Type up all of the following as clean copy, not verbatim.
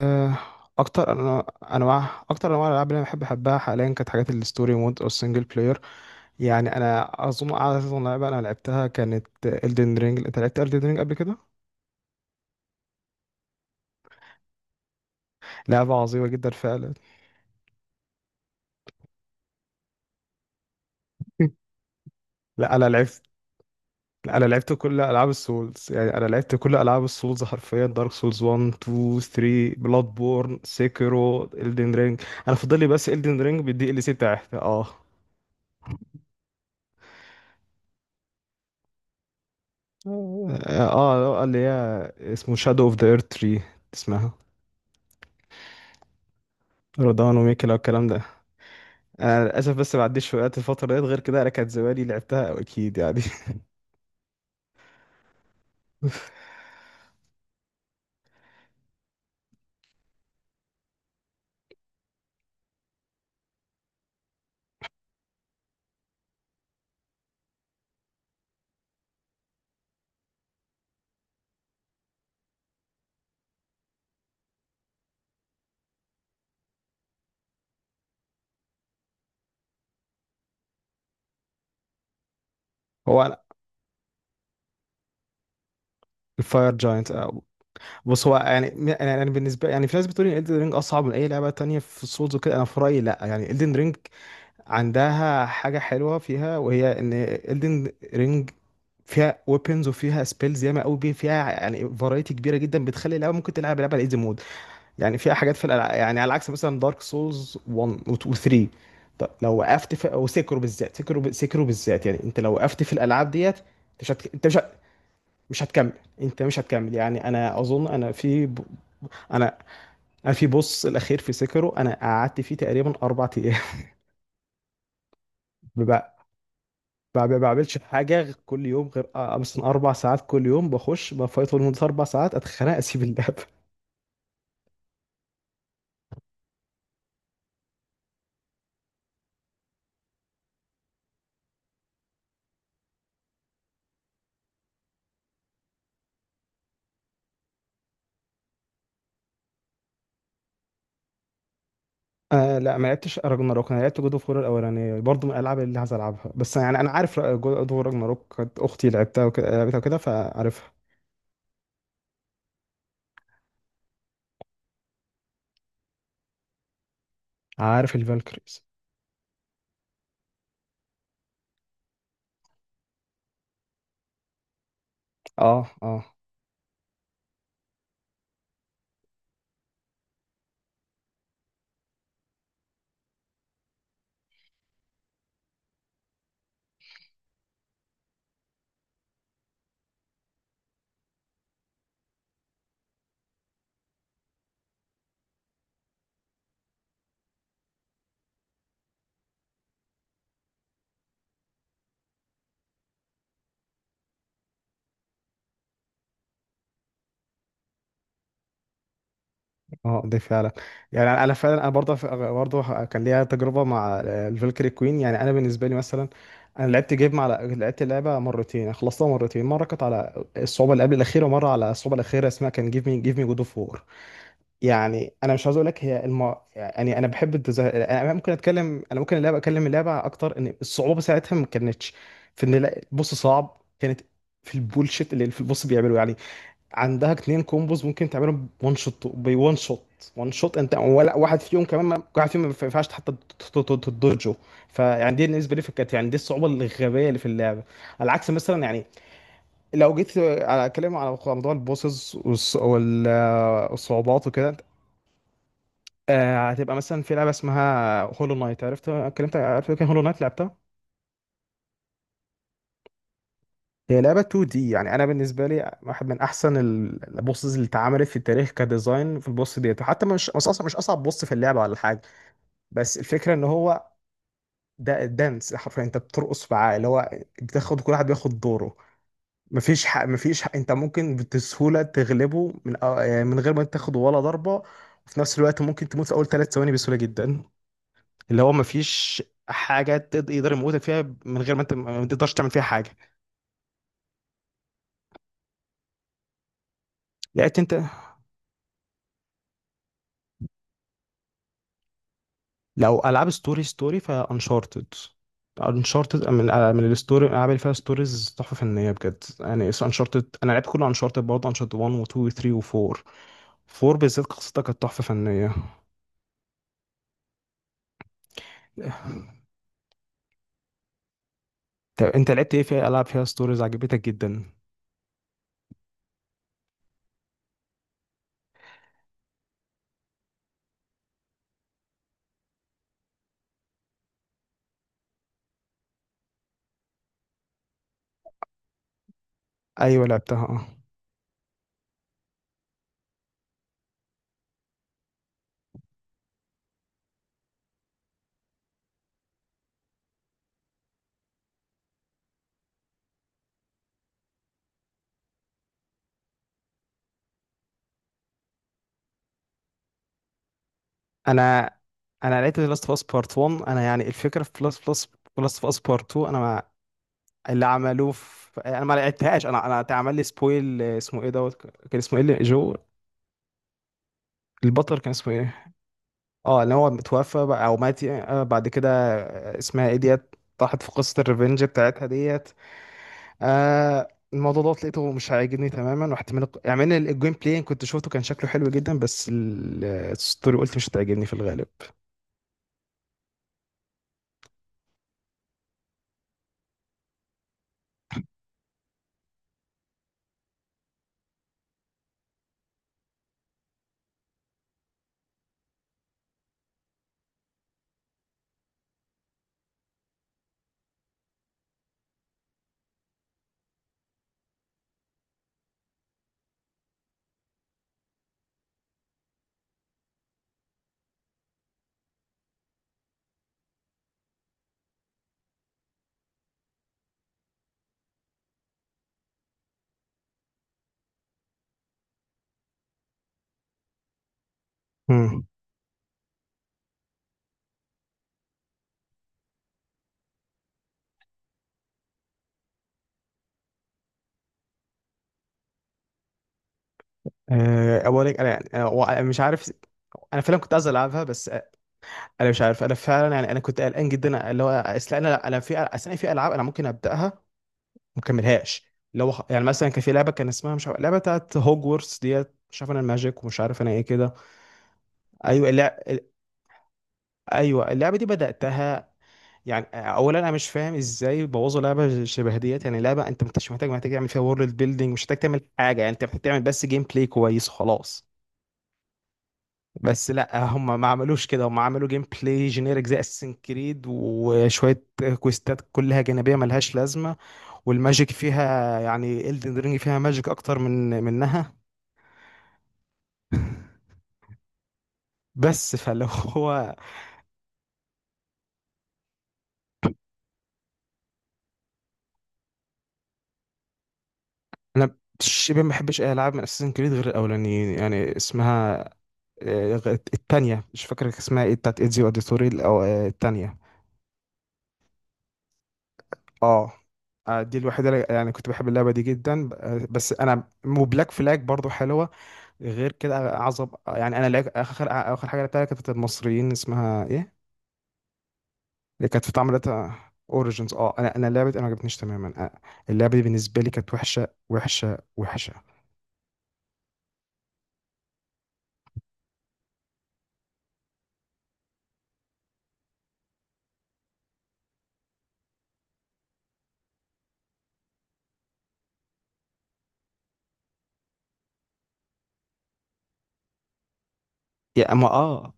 آه، اكتر انا انواع الالعاب اللي انا احبها حاليا كانت حاجات الستوري مود او السنجل بلاير. يعني انا اظن اعظم لعبه انا لعبتها كانت Elden Ring. انت لعبت Elden Ring قبل كده؟ لعبه عظيمه جدا فعلا. لا انا لعبت لا انا لعبت كل العاب السولز، يعني انا لعبت كل العاب السولز حرفيا، دارك سولز 1 2 3 بلاد بورن سيكرو Elden Ring، انا فاضل لي بس Elden Ring بالدي ال سي بتاعتها. اه، اه. اللي هي اسمه شادو اوف ذا ايرث 3. اسمها رضوان وميكلا والكلام ده. انا للاسف بس ما عديش وقت الفتره ديت، غير كده انا كانت زمالي لعبتها أو اكيد يعني. هو أنا- الفاير جاينت. بص، هو يعني بالنسبه، يعني في ناس بتقول ان Elden رينج اصعب من اي لعبه تانية في السولز وكده. انا في رايي لا، يعني Elden رينج عندها حاجه حلوه فيها، وهي ان Elden رينج فيها ويبنز وفيها سبيلز ياما قوي فيها، يعني فرايتي كبيره جدا بتخلي اللعبه ممكن تلعب لعبه على ايزي مود. يعني في حاجات يعني على عكس مثلا دارك سولز 1 و 2 و 3. طب لو وقفت في او سيكرو بالذات، سيكرو بالذات يعني، انت لو وقفت في الالعاب ديت انت مش هت... انت مش هت... مش هتكمل. انت مش هتكمل. يعني انا اظن، انا انا في بوس الاخير في سيكرو، انا قعدت فيه تقريبا اربع ايام. ما بع- ما بعملش حاجه غير كل يوم، غير آه، مثلا اربع ساعات كل يوم، بخش بفايت لمده اربع ساعات، اتخانق، اسيب اللعب. آه لا، ما لعبتش راجناروك. انا لعبت جود اوف وور الاولانيه، برضه من الالعاب اللي عايز العبها. بس يعني انا عارف جود اوف وور راجناروك، كانت اختي لعبتها وكده، لعبتها وكده فعارفها. عارف الفالكريز. اه، اه، اه، دي فعلا. يعني انا أنا فعلا انا برضه كان ليا تجربه مع الفالكري كوين. يعني انا بالنسبه لي مثلا، انا لعبت جيم على لعبت اللعبه مرتين، خلصتها مرتين، مره كانت على الصعوبه اللي قبل الاخيره، ومره على الصعوبه الاخيره، اسمها كان جيف مي جيف مي جود اوف. يعني انا مش عاوز اقول لك هي يعني انا بحب الديزاين، انا ممكن اتكلم، انا ممكن اللعبه اكلم اللعبه اكتر ان الصعوبه ساعتها ما كانتش في ان البوس صعب، كانت في البولشيت اللي في البوس بيعمله. يعني عندها اتنين كومبوز ممكن تعملهم، وان شوت بوان شوت وان شوت، انت ولا واحد فيهم كمان ما... واحد فيهم ما ينفعش حتى تدرجه. فيعني دي بالنسبه لي كانت، يعني دي الصعوبه الغبيه اللي في اللعبه. على العكس مثلا، يعني لو جيت على- اتكلم على موضوع البوسز والصعوبات وكده، آه هتبقى مثلا في لعبه اسمها هولو نايت. عرفت اتكلمت؟ عرفت كان هولو نايت لعبتها. هي لعبه 2 دي، يعني انا بالنسبه لي واحد من احسن البوسز اللي اتعملت في التاريخ كديزاين، في البوس ديت. وحتى مش، مش اصعب بوس في اللعبه ولا حاجه، بس الفكره ان هو ده الدانس حرفيا، انت بترقص معاه. اللي هو كل واحد بياخد دوره، مفيش حق انت ممكن بسهوله تغلبه من غير ما تاخد ولا ضربه، وفي نفس الوقت ممكن تموت في اول ثلاث ثواني بسهوله جدا. اللي هو مفيش حاجه يقدر يموتك فيها من غير ما انت ما تقدرش تعمل فيها حاجه. لقيت انت لو العاب ستوري، فانشارتد. انشارتد من الستوري، الالعاب اللي فيها ستوريز تحفه فنيه بجد، يعني انشارتد انا لعبت كله، انشارتد برضه، انشارتد 1 و2 و3 و4. 4 بالذات قصتها كانت تحفه فنيه. طب انت لعبت ايه في العاب فيها ستوريز عجبتك جدا؟ ايوه لعبتها، اه. انا انا لعبت لاست اوف اس بارت 1. انا يعني الفكره في لاست اوف اس، لاست اوف اس بارت 2، انا اللي عملوه في انا ما لعبتهاش. انا اتعمل لي سبويل، اسمه ايه دوت، كان اسمه ايه جو، البطل كان اسمه ايه. اه اللي هو متوفى بقى او مات يعني. بعد كده، اسمها ايه ديت، طاحت في قصة الريفنج بتاعتها ديت. الموضوع دوت لقيته مش عاجبني تماما، رحت من يعني من الجيم بلاي كنت شفته كان شكله حلو جدا، بس الستوري قلت مش هتعجبني في الغالب. مم. اولا انا يعني، أنا مش عارف. انا فعلا كنت عايز العبها، بس انا مش عارف. انا فعلا يعني انا كنت قلقان جدا، اللي هو اصل انا في العاب انا ممكن ابداها وما اكملهاش. اللي هو يعني مثلا كان في لعبه، كان اسمها مش عارف، لعبه بتاعت هوجورتس ديت، مش عارف انا الماجيك، ومش عارف انا ايه كده. ايوه اللع... ال- ايوه اللعبه دي بداتها. يعني اولا انا مش فاهم ازاي بوظوا لعبه شبه ديت. يعني لعبه انت مش محتاج، تعمل فيها وورلد بيلدينج، مش محتاج تعمل حاجه، يعني انت محتاج تعمل بس جيم بلاي كويس وخلاص. بس لا، هم ما عملوش كده. هم عملوا جيم بلاي جينيرك زي اساسن كريد، وشويه كويستات كلها جانبيه ملهاش لازمه، والماجيك فيها يعني، الدن رينج فيها ماجيك اكتر من منها. بس فلو هو انا شبه ما بحبش اي العاب من اساسن كريد غير الاولانيين، يعني اسمها التانية، مش فاكر اسمها ايه، بتاعت ايدزيو اوديتوري او التانية. اه. دي الوحيدة يعني كنت بحب اللعبة دي جدا، بس انا، وبلاك فلاج برضو حلوة. غير كده اعظم، يعني انا لعب اخر اخر حاجه لعبتها كانت بتاعت المصريين، اسمها ايه اللي كانت في طعم داتا، اوريجينز. اه انا، انا لعبه انا ما عجبتنيش تماما. اللعبه دي بالنسبه لي كانت وحشه وحشه وحشه. يا اما اه،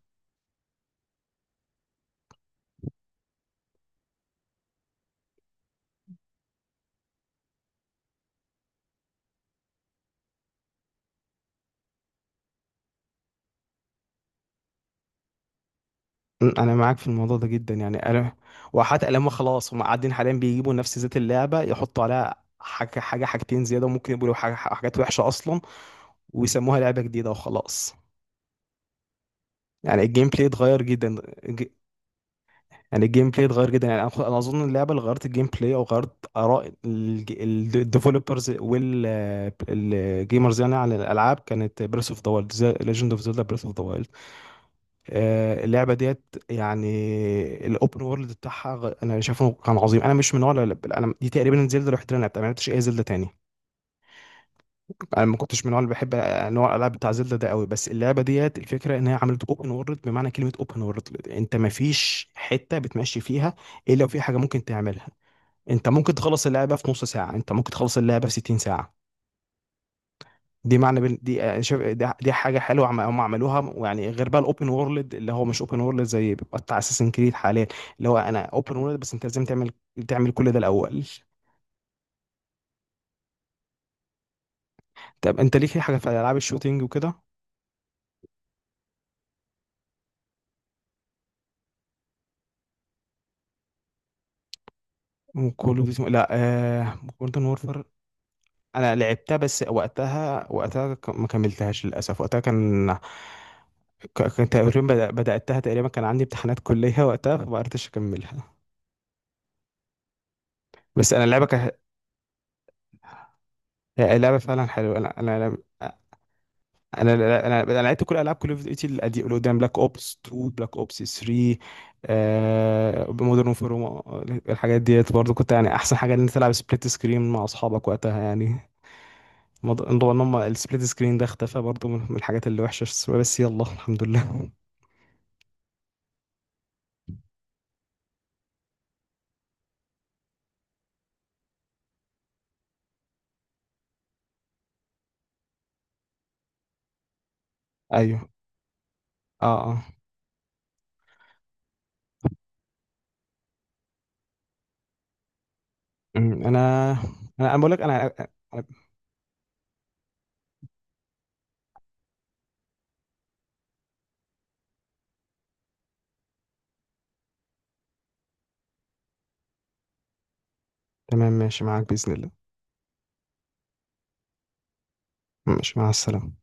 انا معاك في الموضوع ده جدا، يعني انا وحتى لما خلاص هم قاعدين حاليا بيجيبوا نفس ذات اللعبه، يحطوا عليها حاجه، حاجتين زياده، وممكن يقولوا حاجات وحشه اصلا، ويسموها لعبه جديده وخلاص. يعني الجيم بلاي اتغير جدا يعني الجيم بلاي اتغير جدا. يعني انا، أنا اظن اللعبه اللي غيرت الجيم بلاي او غيرت اراء الديفلوبرز والجيمرز يعني على الالعاب كانت بريس اوف ذا وايلد، ليجند اوف زيلدا بريس اوف ذا وايلد. اللعبه ديت يعني الاوبن وورلد بتاعها انا شايفه كان عظيم. انا مش من نوع انا دي تقريبا زيلدا الوحيده اللي أنا لعبتها، ما لعبتش اي زيلدا تاني. انا ما كنتش من النوع اللي بحب نوع الالعاب بتاع زيلدا ده قوي. بس اللعبه ديت الفكره ان هي عملت اوبن وورلد بمعنى كلمه اوبن وورلد، انت ما فيش حته بتمشي فيها الا لو في حاجه ممكن تعملها. انت ممكن تخلص اللعبه في نص ساعه، انت ممكن تخلص اللعبه في 60 ساعه. دي شايف، دي حاجه حلوه هم عملوها، ويعني غير بقى الاوبن وورلد اللي هو مش اوبن وورلد زي بيبقى بتاع اساسن كريد حاليا، اللي هو انا اوبن وورلد بس انت لازم تعمل، كل ده الاول. طب انت ليك اي حاجه في العاب الشوتينج وكده؟ وكل اوف ديوتي، لا آه... مودرن وورفر انا لعبتها، بس وقتها، ما كملتهاش للاسف. وقتها كان، كان تقريبا، بدأتها تقريبا كان عندي امتحانات كلية وقتها فما قدرتش اكملها. بس انا اللعبه هي لعبة فعلا حلوة. أنا لعبت كل العاب كول اوف ديوتي اللي قدام، بلاك اوبس 2، بلاك اوبس 3، مودرن وورفير. الحاجات ديت برضو كنت، يعني احسن حاجة ان انت تلعب سبليت سكرين مع اصحابك وقتها يعني. موضوع ان هم السبليت سكرين ده اختفى برضو، من الحاجات اللي وحشة، بس يلا الحمد لله. ايوه، اه، اه. انا، أنا بقول لك انا، أنا-. تمام، ماشي معاك بإذن الله. ماشي مع السلامة.